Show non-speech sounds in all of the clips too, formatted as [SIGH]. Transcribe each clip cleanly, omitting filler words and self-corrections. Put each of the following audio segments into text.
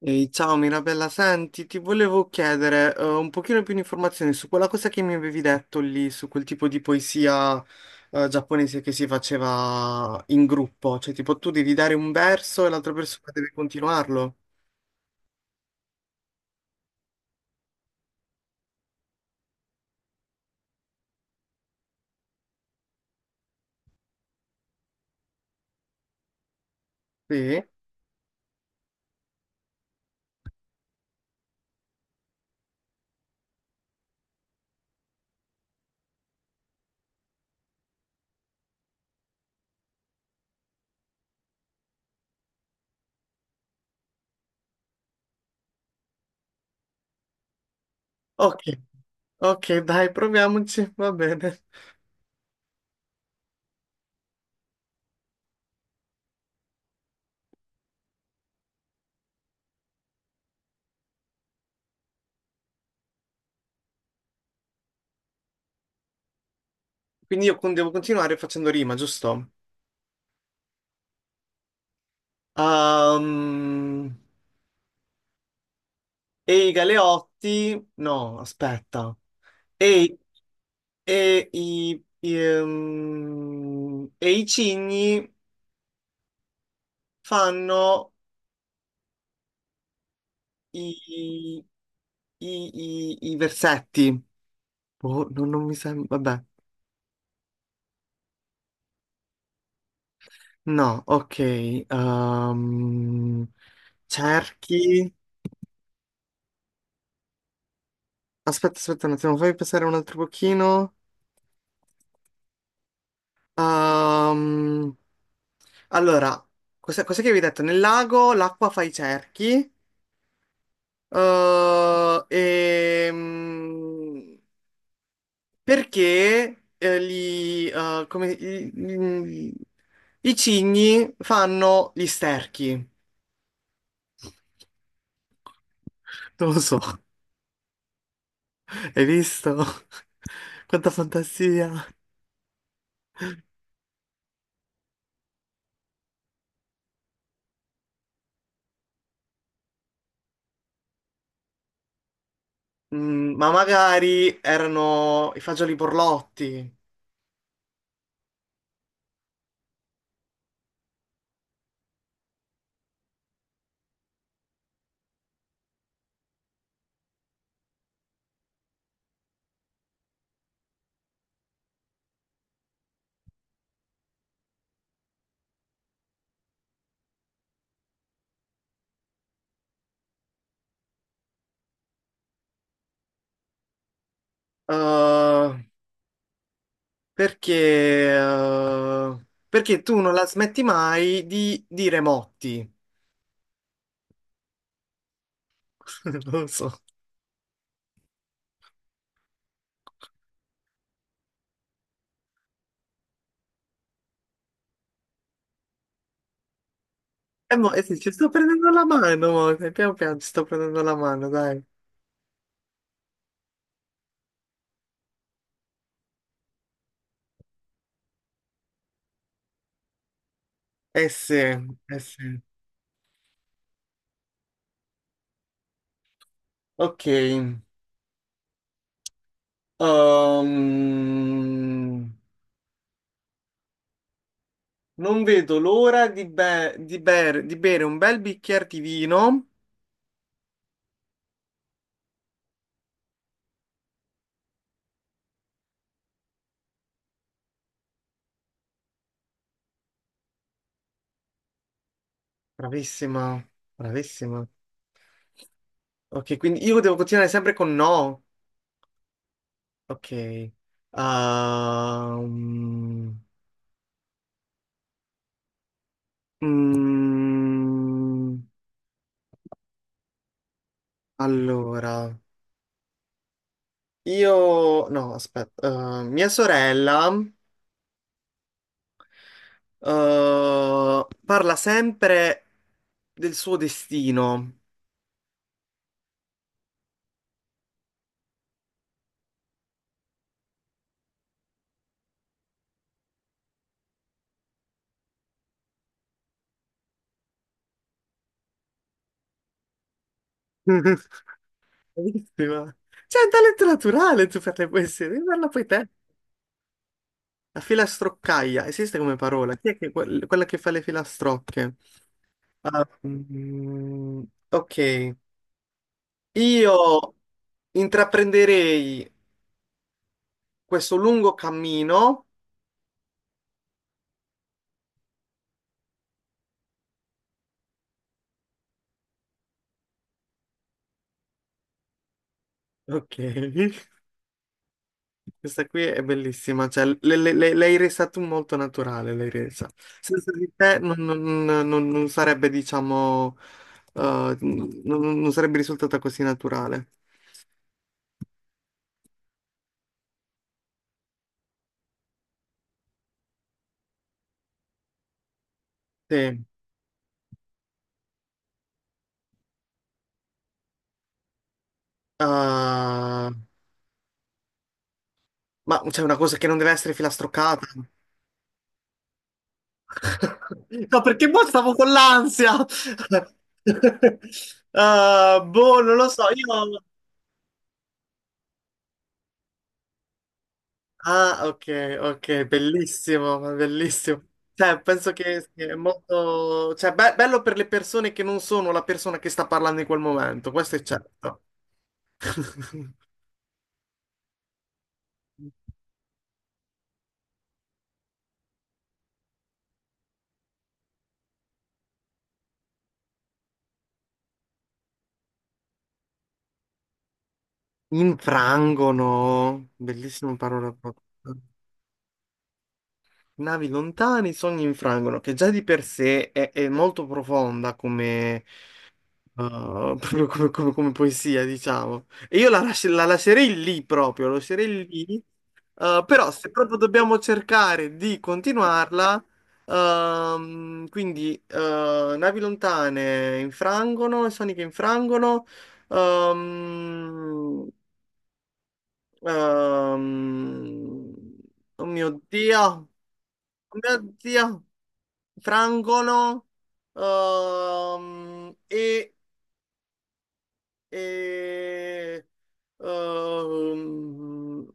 Ehi, ciao Mirabella, senti, ti volevo chiedere un pochino più di informazioni su quella cosa che mi avevi detto lì, su quel tipo di poesia giapponese che si faceva in gruppo, cioè tipo tu devi dare un verso e l'altra persona deve continuarlo. Sì? Ok, ok, dai, proviamoci, va bene. Quindi io devo continuare facendo rima, giusto? Ehm, Ehi Galeotti, no, aspetta. E i cigni fanno i, i versetti. Boh, non, non mi sembra. Vabbè, no, ok. ehm, cerchi. Aspetta, aspetta un attimo, fammi pensare un altro pochino. Ehm, allora, cos'è che avevi detto? Nel lago l'acqua fa i cerchi. eh, ehm, perché gli, i cigni fanno gli sterchi. Non lo so. [LAUGHS] Hai visto? [LAUGHS] Quanta fantasia. Mm, ma magari erano i fagioli borlotti. Eh, perché tu non la smetti mai di dire motti. [LAUGHS] Non lo so. E mo, eh sì, ci sto prendendo la mano, mo. Piano piano ci sto prendendo la mano, dai. Eh sì, eh sì. Ok. Non vedo l'ora di, bere un bel bicchiere di vino. Bravissima, bravissima. Ok, quindi io devo continuare sempre con no. Ok. Mm, allora, io... No, aspetta. Mia sorella eh, parla sempre del suo destino. [LAUGHS] Bellissima. C'è un talento naturale tu per le poesie, devi farla poi te. La filastroccaia, esiste come parola? Chi è che- quel- quella che fa le filastrocche? Ah, mm, ok. Io intraprenderei questo lungo cammino. Ok. Questa qui è bellissima, cioè l'hai resa tu molto naturale, l'hai resa. Senza di te non sarebbe, diciamo, non sarebbe risultata così naturale. Sì. Ah, ma c'è una cosa che non deve essere filastroccata. [LAUGHS] No, perché boh, stavo con l'ansia. [LAUGHS] Ah, boh, non lo so, io... Ah, ok, ok, bellissimo, ma bellissimo. Cioè, penso che sia molto... Cioè, bello per le persone che non sono la persona che sta parlando in quel momento, questo è certo. [LAUGHS] Infrangono, bellissima parola proprio. Navi lontane, i sogni infrangono, che già di per sé è molto profonda come, uh, [LAUGHS] proprio come, come poesia, diciamo. E io la lascerei lì proprio, la lascerei lì, però se proprio dobbiamo cercare di continuarla, navi lontane infrangono, i sogni che infrangono, ehm, ehm, oh mio Dio, oh mio Dio frangono ehm, e, e, ehm,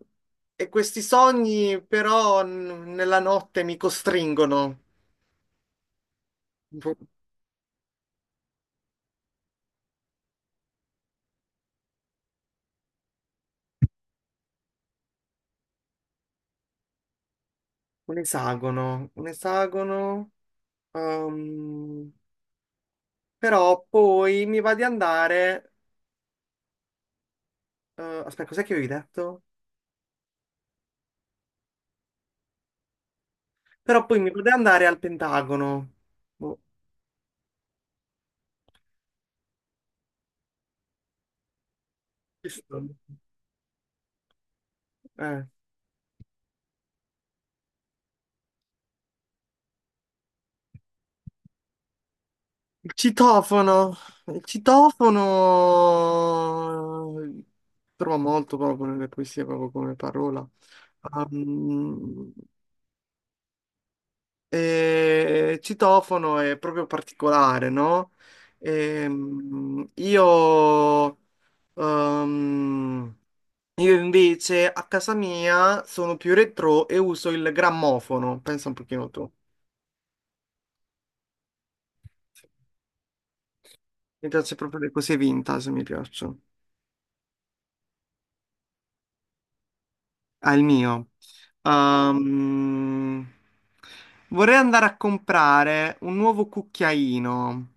e questi sogni però nella notte mi costringono. Un un esagono, un esagono. ehm, però poi mi va di andare. Eh, aspetta, cos'è che avevi detto? Però poi mi va di andare al Pentagono. Boh, questo- eh. Il citofono, il citofono trova molto proprio nelle poesie, proprio come parola. Um, e il citofono è proprio particolare, no? Ehm, io, um, io invece a casa mia sono più retro e uso il grammofono, pensa un pochino tu. Mi piace proprio le cose vintage, mi piacciono. Al mio. Sì. Ehm, vorrei andare a comprare un nuovo cucchiaino.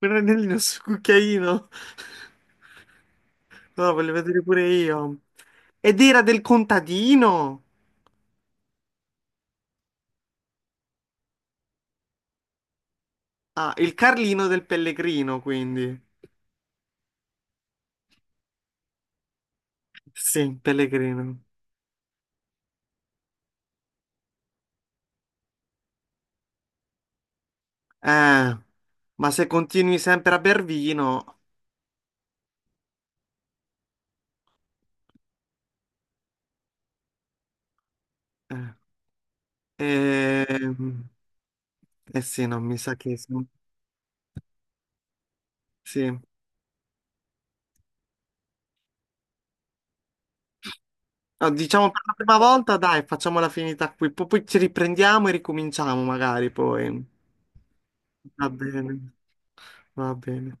Per Renellino sul cucchiaino. [LAUGHS] No, voglio vedere pure io. Ed era del contadino. Ah, il Carlino del Pellegrino, quindi. Sì, Pellegrino. Eh, ma se continui sempre a ber vino... Eh, ehm, eh sì, no, mi sa che sì. Sì. No, diciamo per la prima volta, dai, facciamola finita qui, poi, poi ci riprendiamo e ricominciamo magari poi. Va bene, va bene.